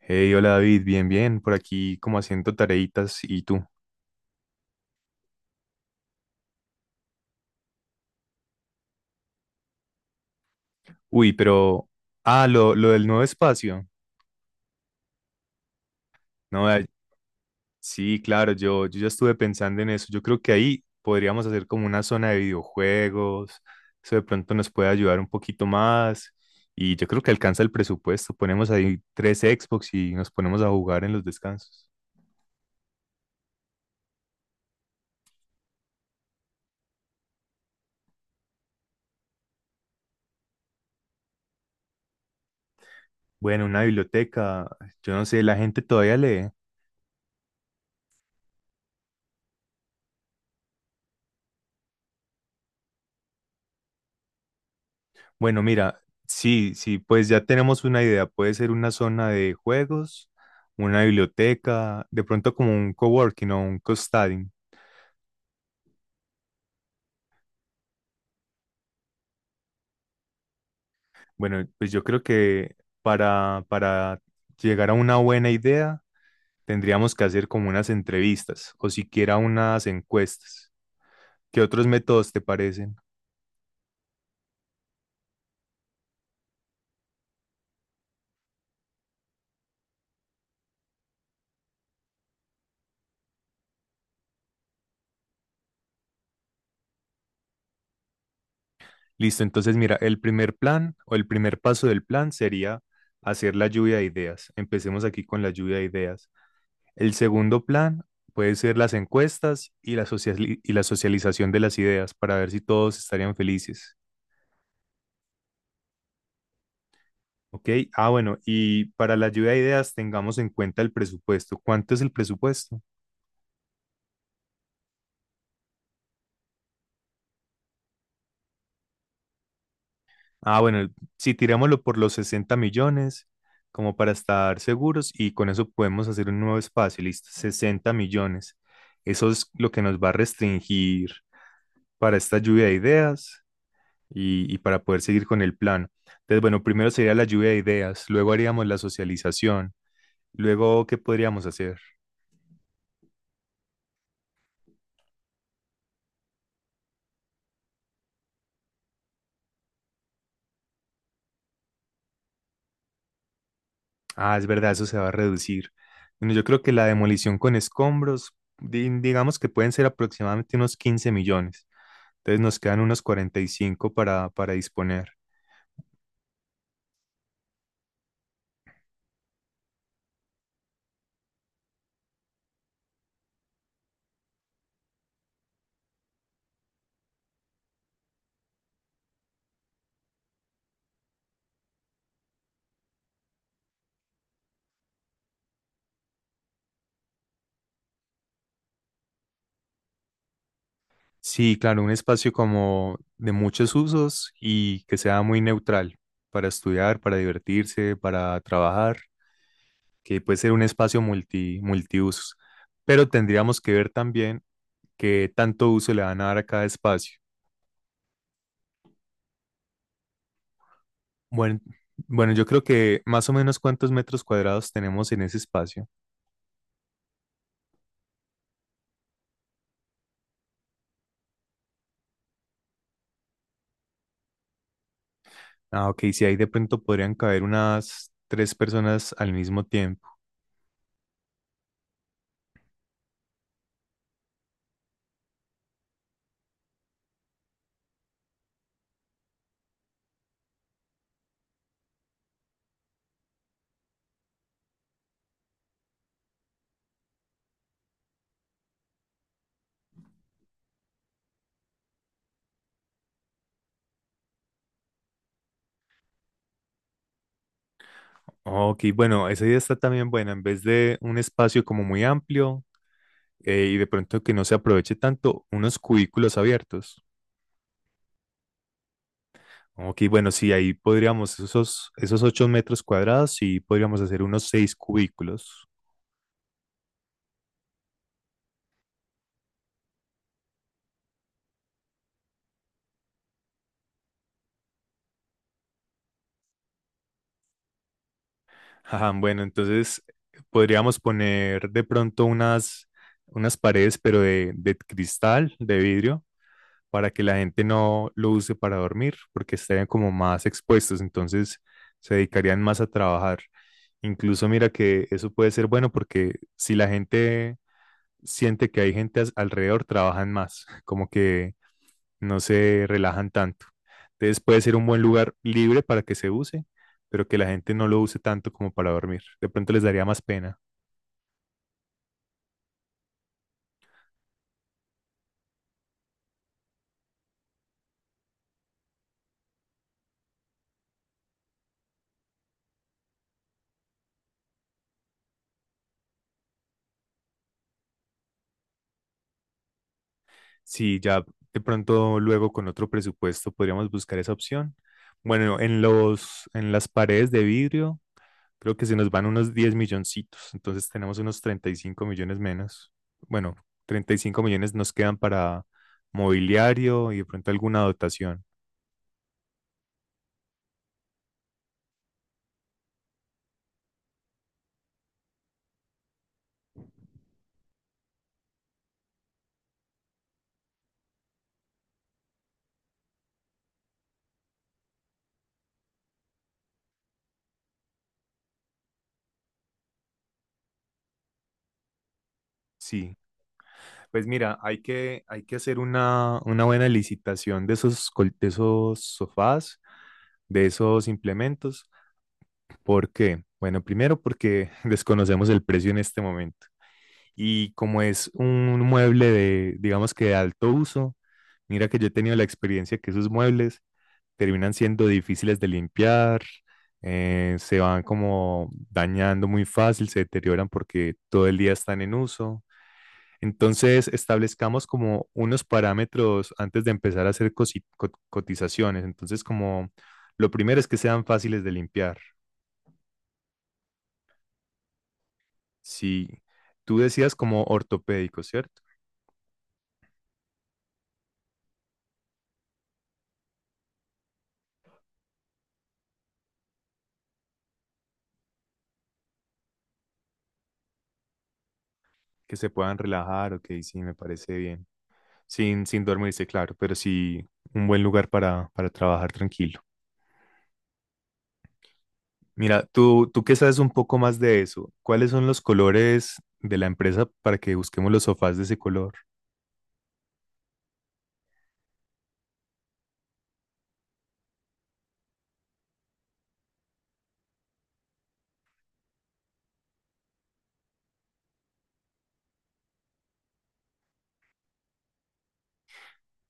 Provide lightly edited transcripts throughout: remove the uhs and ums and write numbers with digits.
Hey, hola David, bien, bien, por aquí como haciendo tareitas y tú. Uy, pero, ah, lo del nuevo espacio. No, sí, claro, yo ya estuve pensando en eso. Yo creo que ahí podríamos hacer como una zona de videojuegos. Eso de pronto nos puede ayudar un poquito más. Y yo creo que alcanza el presupuesto. Ponemos ahí tres Xbox y nos ponemos a jugar en los descansos. Bueno, una biblioteca. Yo no sé, la gente todavía lee. Bueno, mira, sí, sí, pues ya tenemos una idea. Puede ser una zona de juegos, una biblioteca, de pronto como un coworking o un co-studying. Bueno, pues yo creo que para llegar a una buena idea tendríamos que hacer como unas entrevistas o siquiera unas encuestas. ¿Qué otros métodos te parecen? Listo, entonces mira, el primer plan o el primer paso del plan sería hacer la lluvia de ideas. Empecemos aquí con la lluvia de ideas. El segundo plan puede ser las encuestas y y la socialización de las ideas para ver si todos estarían felices. Ok, bueno, y para la lluvia de ideas tengamos en cuenta el presupuesto. ¿Cuánto es el presupuesto? Ah, bueno, si tirámoslo por los 60 millones, como para estar seguros, y con eso podemos hacer un nuevo espacio, listo, 60 millones. Eso es lo que nos va a restringir para esta lluvia de ideas y para poder seguir con el plan. Entonces, bueno, primero sería la lluvia de ideas, luego haríamos la socialización, luego, ¿qué podríamos hacer? Ah, es verdad, eso se va a reducir. Bueno, yo creo que la demolición con escombros, digamos que pueden ser aproximadamente unos 15 millones. Entonces nos quedan unos 45 para disponer. Sí, claro, un espacio como de muchos usos y que sea muy neutral para estudiar, para divertirse, para trabajar. Que puede ser un espacio multiusos, pero tendríamos que ver también qué tanto uso le van a dar a cada espacio. Bueno, bueno, yo creo que más o menos cuántos metros cuadrados tenemos en ese espacio. Ah, ok, si ahí de pronto podrían caber unas tres personas al mismo tiempo. Ok, bueno, esa idea está también buena. En vez de un espacio como muy amplio, y de pronto que no se aproveche tanto, unos cubículos abiertos. Ok, bueno, sí, ahí podríamos, esos 8 metros cuadrados, sí podríamos hacer unos 6 cubículos. Ajá, bueno, entonces podríamos poner de pronto unas paredes, pero de cristal, de vidrio, para que la gente no lo use para dormir, porque estarían como más expuestos, entonces se dedicarían más a trabajar. Incluso mira que eso puede ser bueno porque si la gente siente que hay gente alrededor, trabajan más, como que no se relajan tanto. Entonces puede ser un buen lugar libre para que se use, pero que la gente no lo use tanto como para dormir. De pronto les daría más pena. Sí, ya de pronto luego con otro presupuesto podríamos buscar esa opción. Bueno, en las paredes de vidrio. Creo que se nos van unos 10 milloncitos, entonces tenemos unos 35 millones menos. Bueno, 35 millones nos quedan para mobiliario y de pronto alguna dotación. Sí, pues mira, hay que hacer una buena licitación de esos sofás, de esos implementos. ¿Por qué? Bueno, primero porque desconocemos el precio en este momento. Y como es un mueble digamos que de alto uso, mira que yo he tenido la experiencia que esos muebles terminan siendo difíciles de limpiar. Se van como dañando muy fácil, se deterioran porque todo el día están en uso. Entonces, establezcamos como unos parámetros antes de empezar a hacer cotizaciones. Entonces, como lo primero es que sean fáciles de limpiar. Si tú decías como ortopédicos, ¿cierto? Que se puedan relajar, ok, sí, me parece bien. Sin dormirse, claro, pero sí un buen lugar para trabajar tranquilo. Mira, tú que sabes un poco más de eso, ¿cuáles son los colores de la empresa para que busquemos los sofás de ese color?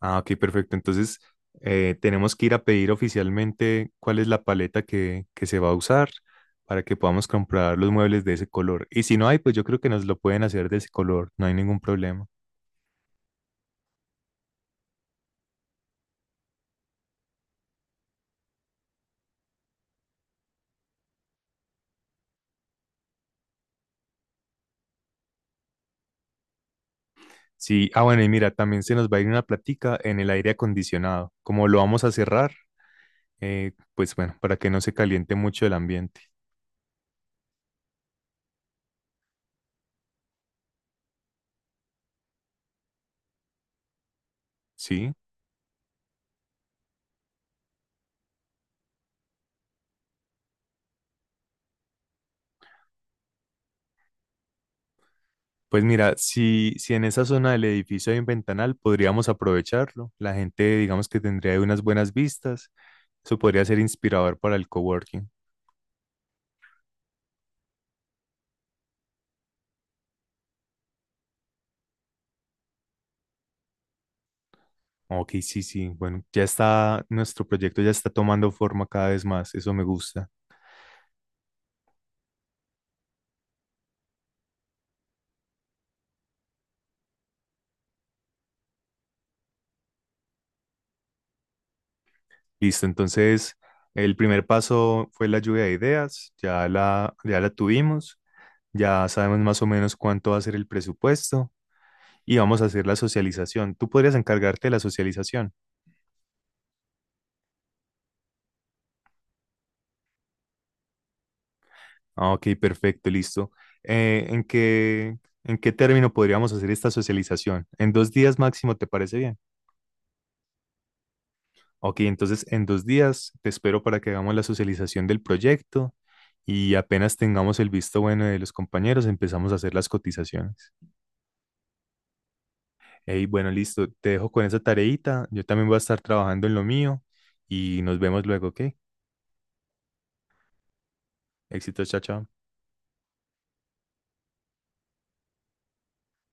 Ah, ok, perfecto. Entonces, tenemos que ir a pedir oficialmente cuál es la paleta que se va a usar para que podamos comprar los muebles de ese color. Y si no hay, pues yo creo que nos lo pueden hacer de ese color, no hay ningún problema. Sí, ah, bueno, y mira, también se nos va a ir una plática en el aire acondicionado. Como lo vamos a cerrar, pues bueno, para que no se caliente mucho el ambiente. Sí. Pues mira, si en esa zona del edificio hay un ventanal, podríamos aprovecharlo. La gente, digamos que tendría unas buenas vistas. Eso podría ser inspirador para el coworking. Ok, sí, sí. Bueno, ya está, nuestro proyecto ya está tomando forma cada vez más. Eso me gusta. Listo, entonces el primer paso fue la lluvia de ideas. Ya la tuvimos. Ya sabemos más o menos cuánto va a ser el presupuesto y vamos a hacer la socialización. ¿Tú podrías encargarte de la socialización? Ah, ok, perfecto, listo. Eh, ¿en qué, en qué término podríamos hacer esta socialización? En 2 días máximo, ¿te parece bien? Ok, entonces en 2 días te espero para que hagamos la socialización del proyecto y apenas tengamos el visto bueno de los compañeros, empezamos a hacer las cotizaciones. Y bueno, listo, te dejo con esa tareita. Yo también voy a estar trabajando en lo mío y nos vemos luego, ¿ok? Éxito, chao, chao.